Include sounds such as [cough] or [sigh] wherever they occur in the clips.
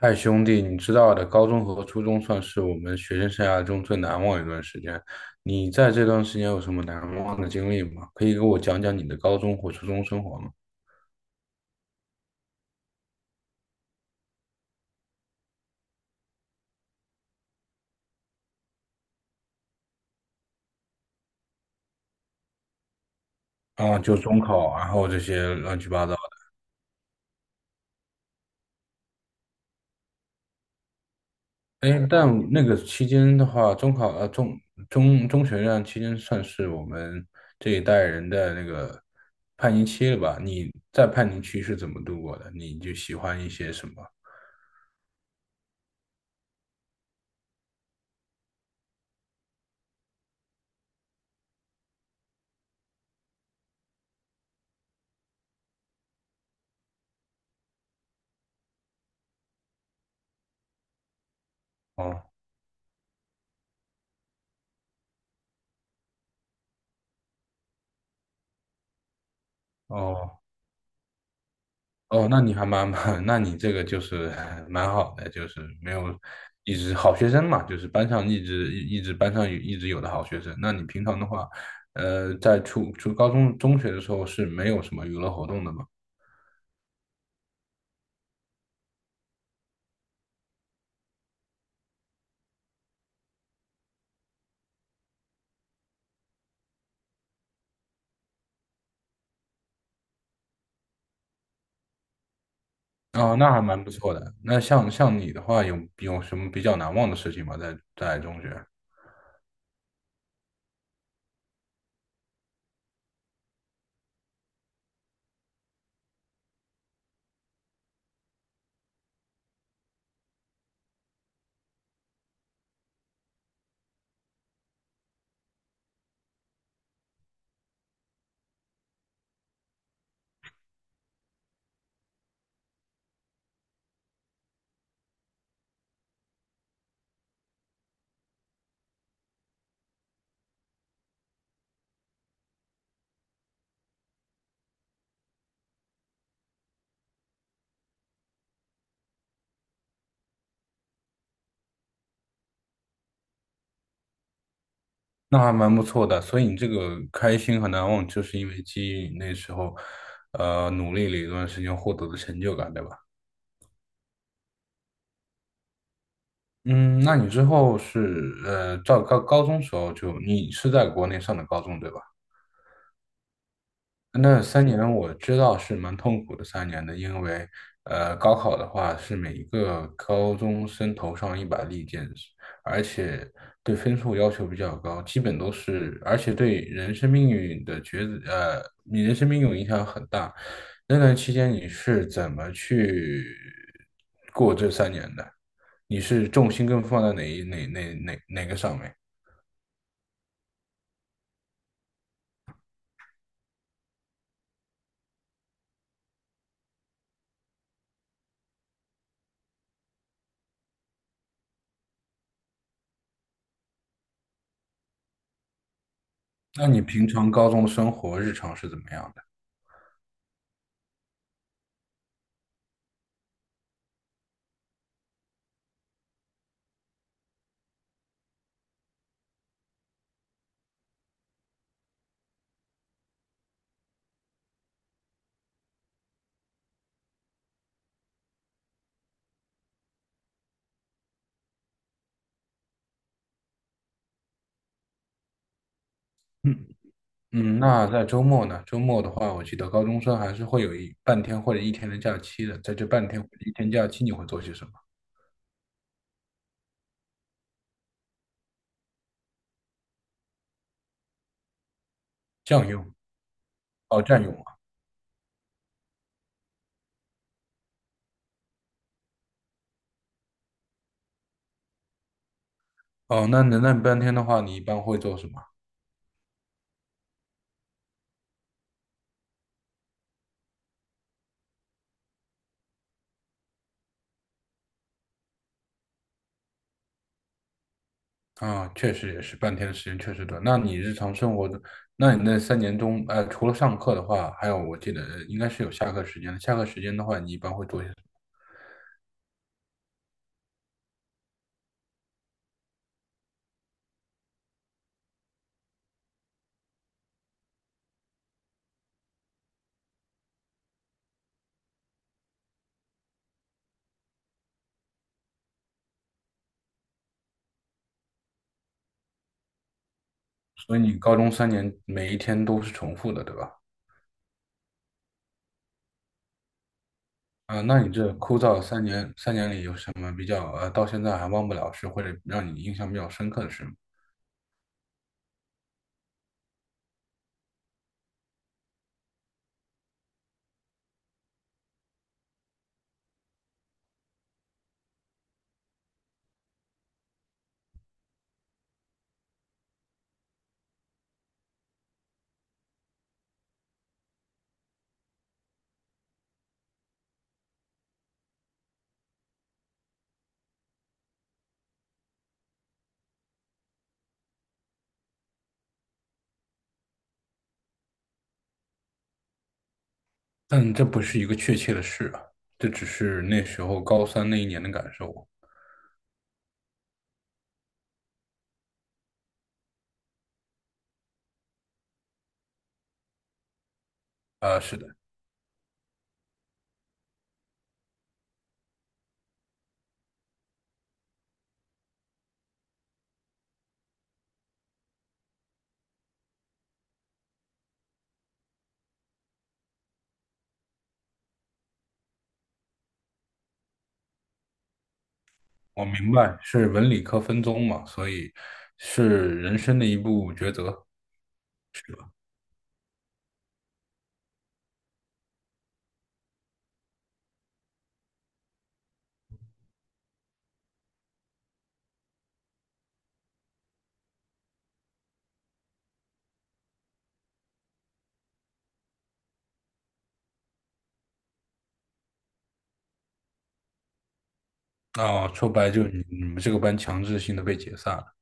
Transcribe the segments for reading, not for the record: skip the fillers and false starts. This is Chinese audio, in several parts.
嗨，兄弟，你知道的，高中和初中算是我们学生生涯中最难忘的一段时间。你在这段时间有什么难忘的经历吗？可以给我讲讲你的高中或初中生活吗？啊，就中考，然后这些乱七八糟的。哎，但那个期间的话，中考呃中中中学那期间算是我们这一代人的那个叛逆期了吧？你在叛逆期是怎么度过的？你就喜欢一些什么？哦哦。哦，那你还[laughs] 那你这个就是 [laughs] 蛮好的，就是没有一直好学生嘛，就是班上一直班上有一直有的好学生。那你平常的话，在初初高中中学的时候是没有什么娱乐活动的嘛？哦，那还蛮不错的。那像你的话，有什么比较难忘的事情吗？在中学？那还蛮不错的，所以你这个开心和难忘，就是因为基于你那时候，努力了一段时间获得的成就感，对吧？嗯，那你之后是到高中时候就你是在国内上的高中对吧？那三年我知道是蛮痛苦的三年的，因为高考的话是每一个高中生头上一把利剑，而且对分数要求比较高，基本都是，而且对人生命运的抉择，你人生命运影响很大。那段期间你是怎么去过这三年的？你是重心更放在哪一哪哪哪哪个上面？那你平常高中生活日常是怎么样的？嗯，那在周末呢？周末的话，我记得高中生还是会有一半天或者一天的假期的。在这半天或者一天假期，你会做些什么？占用？哦，占用啊。哦，那你半天的话，你一般会做什么？啊，确实也是，半天的时间确实短。那你日常生活的，那你那三年中，除了上课的话，还有我记得应该是有下课时间的。下课时间的话，你一般会做些什么？所以你高中三年每一天都是重复的，对吧？啊，那你这枯燥三年里有什么比较到现在还忘不了事，或者让你印象比较深刻的事吗？但这不是一个确切的事啊，这只是那时候高三那一年的感受。啊，是的，我明白是文理科分宗嘛，所以是人生的一步抉择。啊，说白了就是你们这个班强制性的被解散了。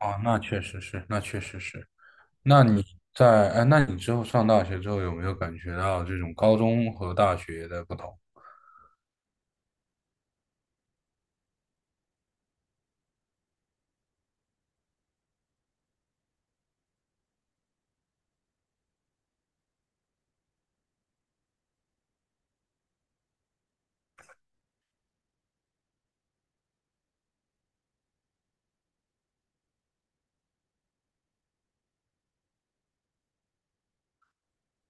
哦，那确实是，那确实是。那你在，哎，那你之后上大学之后有没有感觉到这种高中和大学的不同？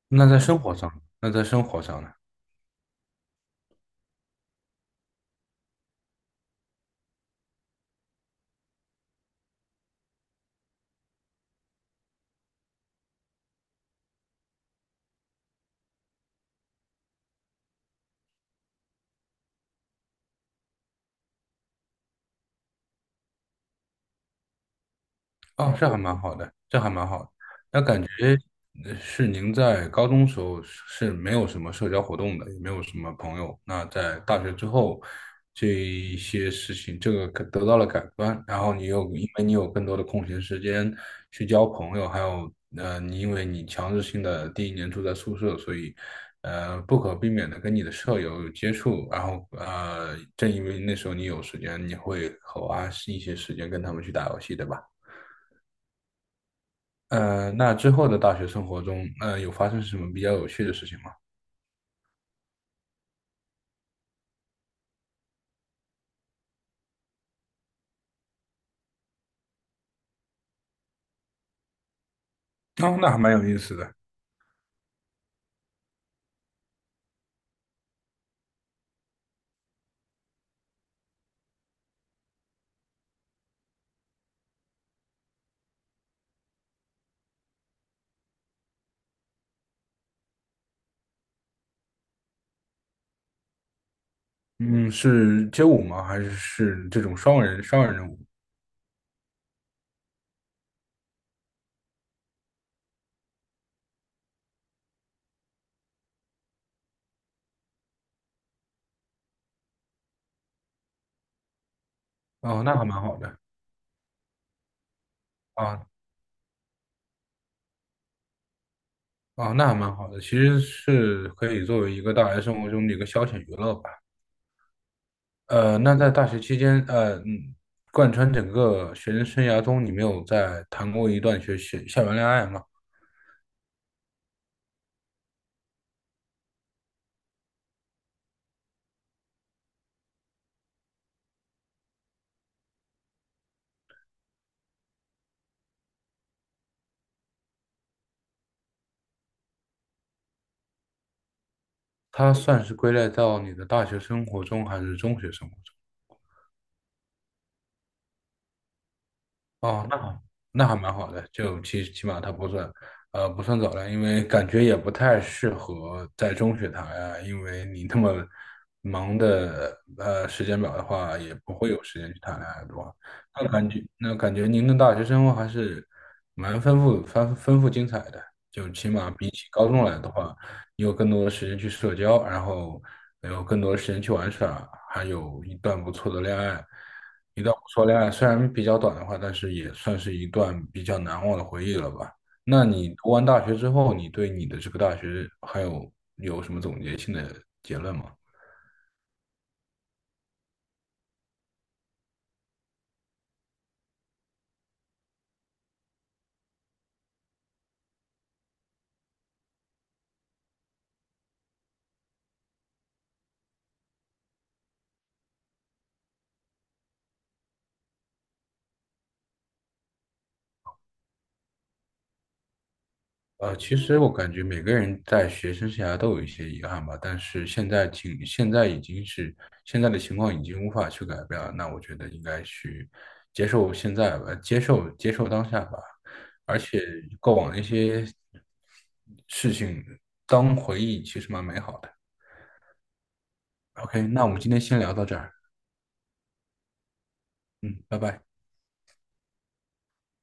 那在生活上，那在生活上呢？哦，这还蛮好的，这还蛮好呃是您在高中时候是没有什么社交活动的，也没有什么朋友。那在大学之后，这一些事情这个可得到了改观，然后你又因为你有更多的空闲时间去交朋友，还有你因为你强制性的第一年住在宿舍，所以不可避免的跟你的舍友有接触，然后正因为那时候你有时间，你会花一些时间跟他们去打游戏，对吧？那之后的大学生活中，有发生什么比较有趣的事情吗？哦，那还蛮有意思的。嗯，是街舞吗？还是这种双人的舞？哦，那还蛮好的。啊啊，那还蛮好的，其实是可以作为一个大学生活中的一个消遣娱乐吧。那在大学期间，贯穿整个学生生涯中，你没有在谈过一段校园恋爱吗？它算是归类到你的大学生活中还是中学生活中？哦，那好，那还蛮好的，就起码它不算，不算早恋，因为感觉也不太适合在中学谈呀，因为你那么忙的时间表的话，也不会有时间去谈恋爱，对吧？那感觉您的大学生活还是蛮丰富精彩的，就起码比起高中来的话。你有更多的时间去社交，然后有更多的时间去玩耍，还有一段不错的恋爱。一段不错恋爱虽然比较短的话，但是也算是一段比较难忘的回忆了吧。那你读完大学之后，你对你的这个大学还有什么总结性的结论吗？其实我感觉每个人在学生生涯都有一些遗憾吧，但是现在的情况已经无法去改变了，那我觉得应该去接受现在吧，接受当下吧，而且过往的一些事情当回忆其实蛮美好的。OK，那我们今天先聊到这儿，嗯，拜拜。